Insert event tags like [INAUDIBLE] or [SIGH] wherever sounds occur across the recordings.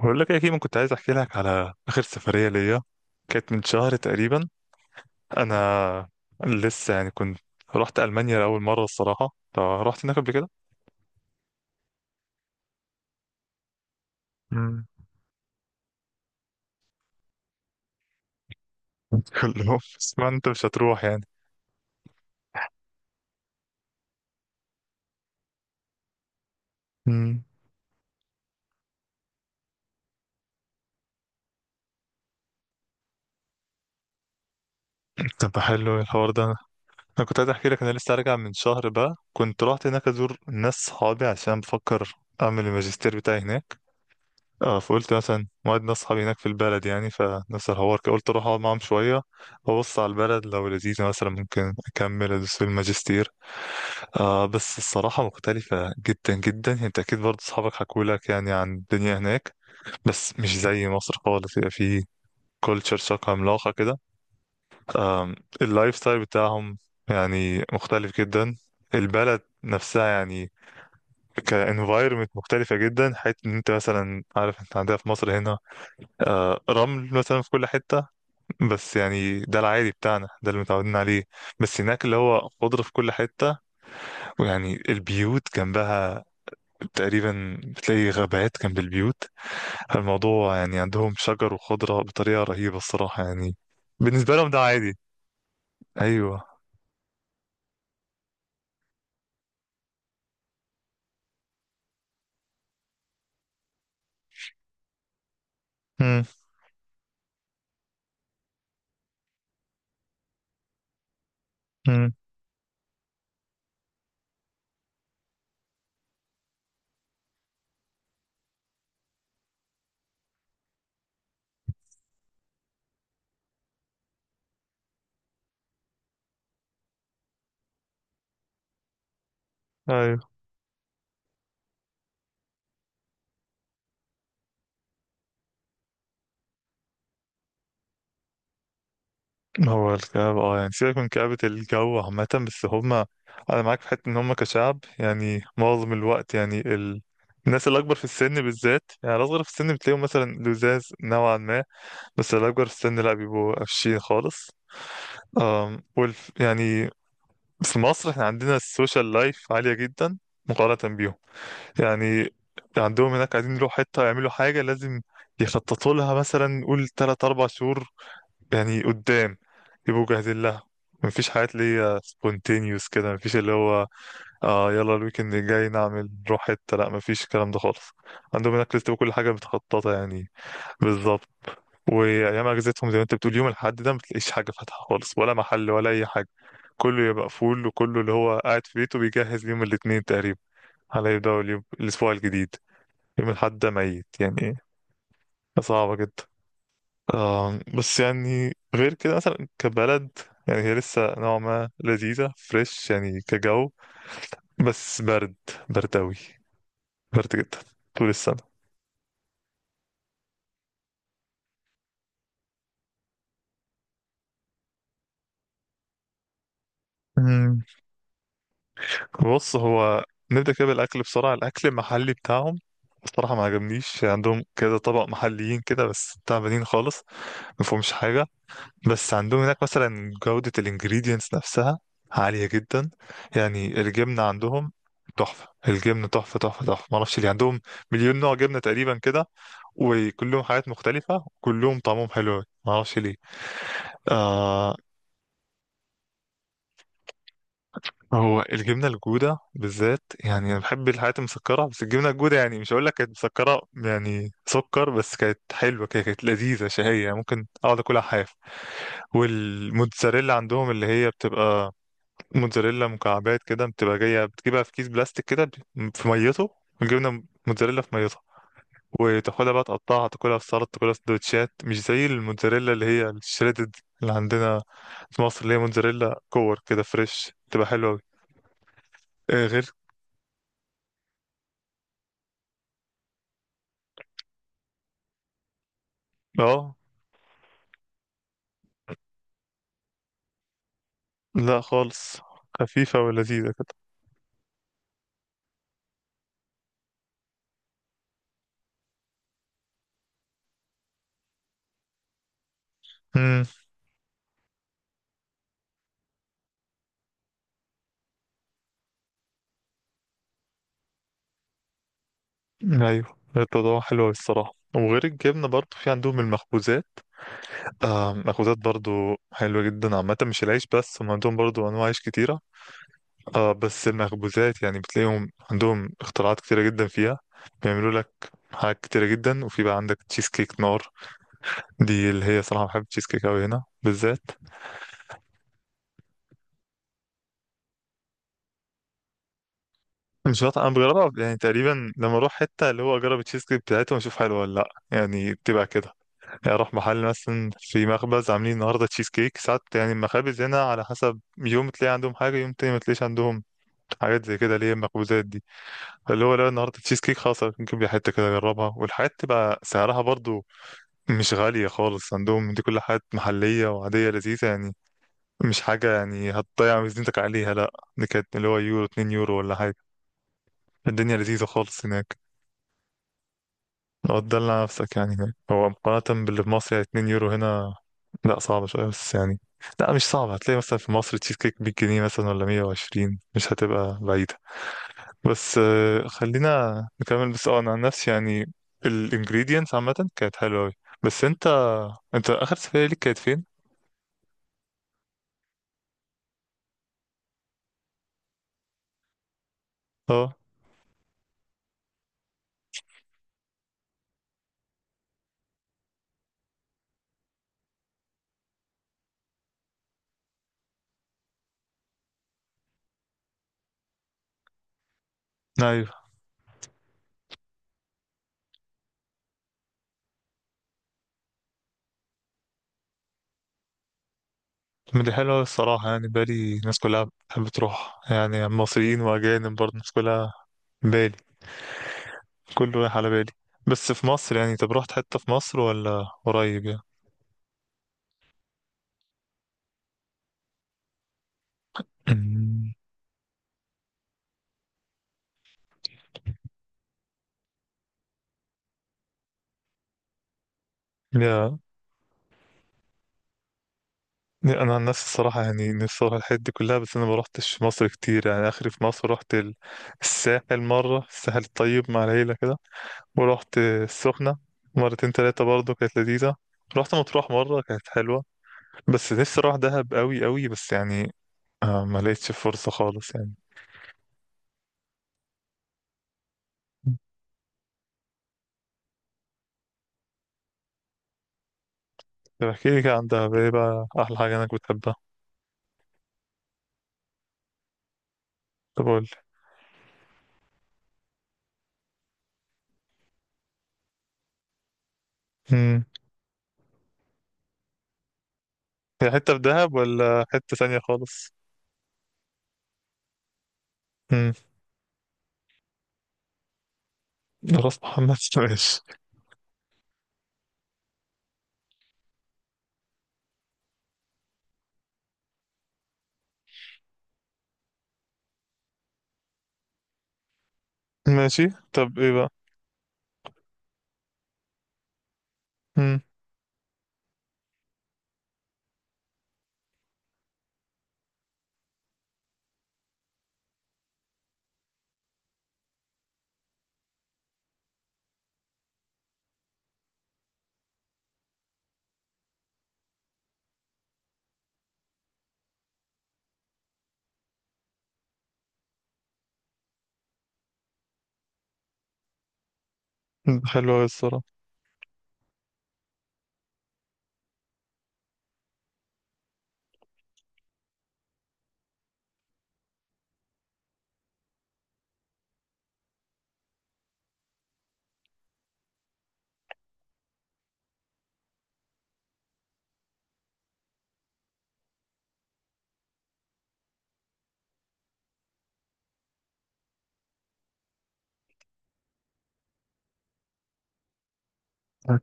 بقول لك يا كيمو، كنت عايز احكي لك على اخر سفريه ليا. كانت من شهر تقريبا. انا لسه يعني كنت رحت المانيا لاول مره الصراحه. فرحت هناك قبل كده. مم. [LAUGHS] كلهم، بس ما انت مش هتروح يعني. امم طب حلو، إيه الحوار ده؟ انا كنت عايز احكي لك، انا لسه راجع من شهر بقى، كنت رحت هناك ازور ناس صحابي عشان بفكر اعمل الماجستير بتاعي هناك. اه فقلت مثلا موعد ناس صحابي هناك في البلد، يعني فنفس الحوار كده، قلت اروح اقعد معاهم شويه، ببص على البلد لو لذيذه مثلا ممكن اكمل ادوس في الماجستير. بس الصراحه مختلفه جدا جدا، يعني انت اكيد برضه صحابك حكوا لك يعني عن الدنيا هناك. بس مش زي مصر خالص، يبقى في كلتشر شوك عملاقه كده. آم، اللايف ستايل بتاعهم يعني مختلف جدا. البلد نفسها يعني كانفايرمنت مختلفة جدا، حيث ان انت مثلا عارف، انت عندنا في مصر هنا رمل مثلا في كل حتة، بس يعني ده العادي بتاعنا، ده اللي متعودين عليه. بس هناك اللي هو خضرة في كل حتة، ويعني البيوت جنبها تقريبا بتلاقي غابات جنب البيوت. الموضوع يعني عندهم شجر وخضرة بطريقة رهيبة الصراحة يعني. بالنسبة لهم ده عادي. أيوة. امم هو الكآبة، يعني سيبك من كآبة الجو عامة، بس هما، أنا معاك في حتة إن هما كشعب يعني معظم الوقت، الناس الأكبر في السن بالذات، يعني الأصغر في السن بتلاقيهم مثلا لزاز نوعا ما، بس الأكبر في السن لأ، بيبقوا قفشين خالص. أم والف... يعني في مصر احنا عندنا السوشيال لايف عالية جدا مقارنة بيهم. يعني عندهم هناك عايزين يروحوا حتة يعملوا حاجة، لازم يخططوا لها مثلا، نقول تلات أربع شهور يعني قدام، يبقوا جاهزين لها. مفيش حاجات اللي هي سبونتينيوس كده، مفيش اللي هو يلا الويكند الجاي نعمل نروح حتة، لا مفيش الكلام ده خالص. عندهم هناك لسه كل حاجة متخططة يعني. بالظبط. وأيام أجازتهم زي ما أنت بتقول، يوم الأحد ده متلاقيش حاجة فاتحة خالص، ولا محل ولا أي حاجة. كله يبقى فول، وكله اللي هو قاعد في بيته بيجهز ليوم الاثنين تقريبا، على يبدأ اليوم الأسبوع الجديد. يوم الأحد ده ميت يعني. صعبة جدا. بس يعني غير كده مثلا، كبلد يعني هي لسه نوعا ما لذيذة، فريش يعني كجو. بس برد، برد أوي، برد جدا طول السنة. مم. بص، هو نبدأ كده بالأكل بسرعة. الأكل المحلي بتاعهم الصراحة ما عجبنيش. عندهم كده طبق محليين كده بس تعبانين خالص، ما فيهمش حاجة. بس عندهم هناك مثلا جودة الانجريدينتس نفسها عالية جدا. يعني الجبنة عندهم تحفة. الجبنة تحفة تحفة تحفة، معرفش ليه. عندهم مليون نوع جبنة تقريبا كده، وكلهم حاجات مختلفة، وكلهم طعمهم حلو أوي. معرفش ليه. آه هو الجبنة الجودة بالذات، يعني أنا بحب الحاجات المسكرة، بس الجبنة الجودة يعني مش هقول لك كانت مسكرة يعني سكر، بس كانت حلوة كده، كانت لذيذة شهية، يعني ممكن أقعد أكلها حاف. والموتزاريلا عندهم، اللي هي بتبقى موتزاريلا مكعبات كده، بتبقى جاية، بتجيبها في كيس بلاستيك كده، في ميته، جبنة موتزاريلا في ميتها، وتاخدها بقى تقطعها، تاكلها في سلطة، تاكلها في سندوتشات. مش زي الموتزاريلا اللي هي الشريدد اللي عندنا في مصر، اللي هي موتزاريلا كور كده، فريش، تبقى حلوة أوي. غير، اه لا خالص، خفيفة ولذيذة كده. امم ايوه، الموضوع حلو أوي الصراحة. وغير الجبنة برضو في عندهم المخبوزات. مخبوزات برضو حلوة جدا عامة، مش العيش بس، هم عندهم برضو أنواع عيش كتيرة. اه بس المخبوزات يعني بتلاقيهم عندهم اختراعات كتيرة جدا فيها، بيعملوا لك حاجات كتيرة جدا. وفي بقى عندك تشيز كيك نار، دي اللي هي صراحة بحب التشيز كيك أوي، هنا بالذات. مش عارف، أنا بجربها يعني تقريبا، لما أروح حتة اللي هو أجرب التشيز كيك بتاعتهم، أشوف حلوة ولا لأ. يعني بتبقى كده، يعني أروح محل مثلا، في مخبز عاملين النهاردة تشيز كيك. ساعات يعني المخابز هنا على حسب، يوم تلاقي عندهم حاجة، يوم تاني ما تلاقيش عندهم حاجات زي كده اللي هي المخبوزات، اللي هو لا النهارده تشيز كيك خلاص نجيب لي حته كده اجربها. والحاجات تبقى سعرها برضو مش غاليه خالص عندهم. دي كل حاجات محليه وعاديه لذيذه يعني، مش حاجه يعني هتضيع ميزانيتك عليها، لا. دي كانت اللي هو يورو، 2 يورو ولا حاجه. الدنيا لذيذه خالص هناك. لو تدلع نفسك يعني هناك، هو مقارنه باللي في مصر يعني، 2 يورو هنا لا صعبه شويه، بس يعني لا مش صعبه. هتلاقي مثلا في مصر تشيز كيك 100 جنيه مثلا، ولا 120، مش هتبقى بعيده. بس خلينا نكمل. بس انا عن نفسي يعني الانجريدينتس عامة كانت حلوة أوي. بس انت اخر سفرية ليك كانت فين؟ اه ايوه، من دي حلوة أوي الصراحة، يعني بالي الناس كلها بتحب تروح، يعني مصريين واجانب برضه، الناس كلها بالي، كله رايح على بالي. بس في مصر يعني، طب رحت حتة في مصر ولا قريب يعني؟ [CLEARS THROAT] يا، انا عن نفسي الصراحه يعني نفسي اروح الحته دي كلها، بس انا ما روحتش مصر كتير يعني. اخري في مصر رحت الساحل مره، الساحل الطيب مع العيله كده. ورحت السخنه مرتين تلاتة برضه، كانت لذيذه. رحت مطروح مره، كانت حلوه. بس نفسي اروح دهب قوي قوي، بس يعني ما لقيتش فرصه خالص يعني. طب احكي لي كده عن دهب، ايه بقى احلى حاجه انك بتحبها؟ طب قول لي. امم هي حته في دهب ولا حته ثانيه خالص؟ امم راس محمد. [LAUGHS] ماشي. ماشي، طب ايه بقى؟ حلوة أوي الصراحة.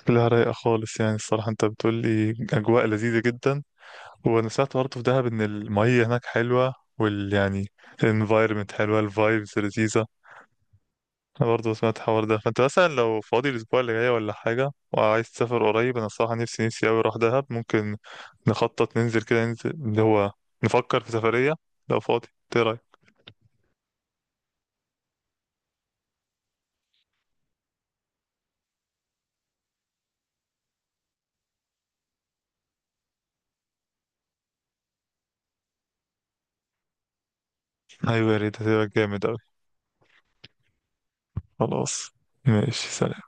شكلها رايقة خالص يعني الصراحة، أنت بتقول لي أجواء لذيذة جدا. وأنا سمعت برضه في دهب إن المية هناك حلوة، وال يعني الانفايرمنت حلوة، الفايبز لذيذة. أنا برضه سمعت الحوار ده، فأنت مثلا لو فاضي الأسبوع اللي جاي ولا حاجة وعايز تسافر قريب، أنا الصراحة نفسي نفسي أوي أروح دهب. ممكن نخطط ننزل كده، ننزل اللي هو نفكر في سفرية لو فاضي. إيه رأيك؟ أيوة يا ريت، هتبقى جامد أوي. خلاص، ماشي، سلام.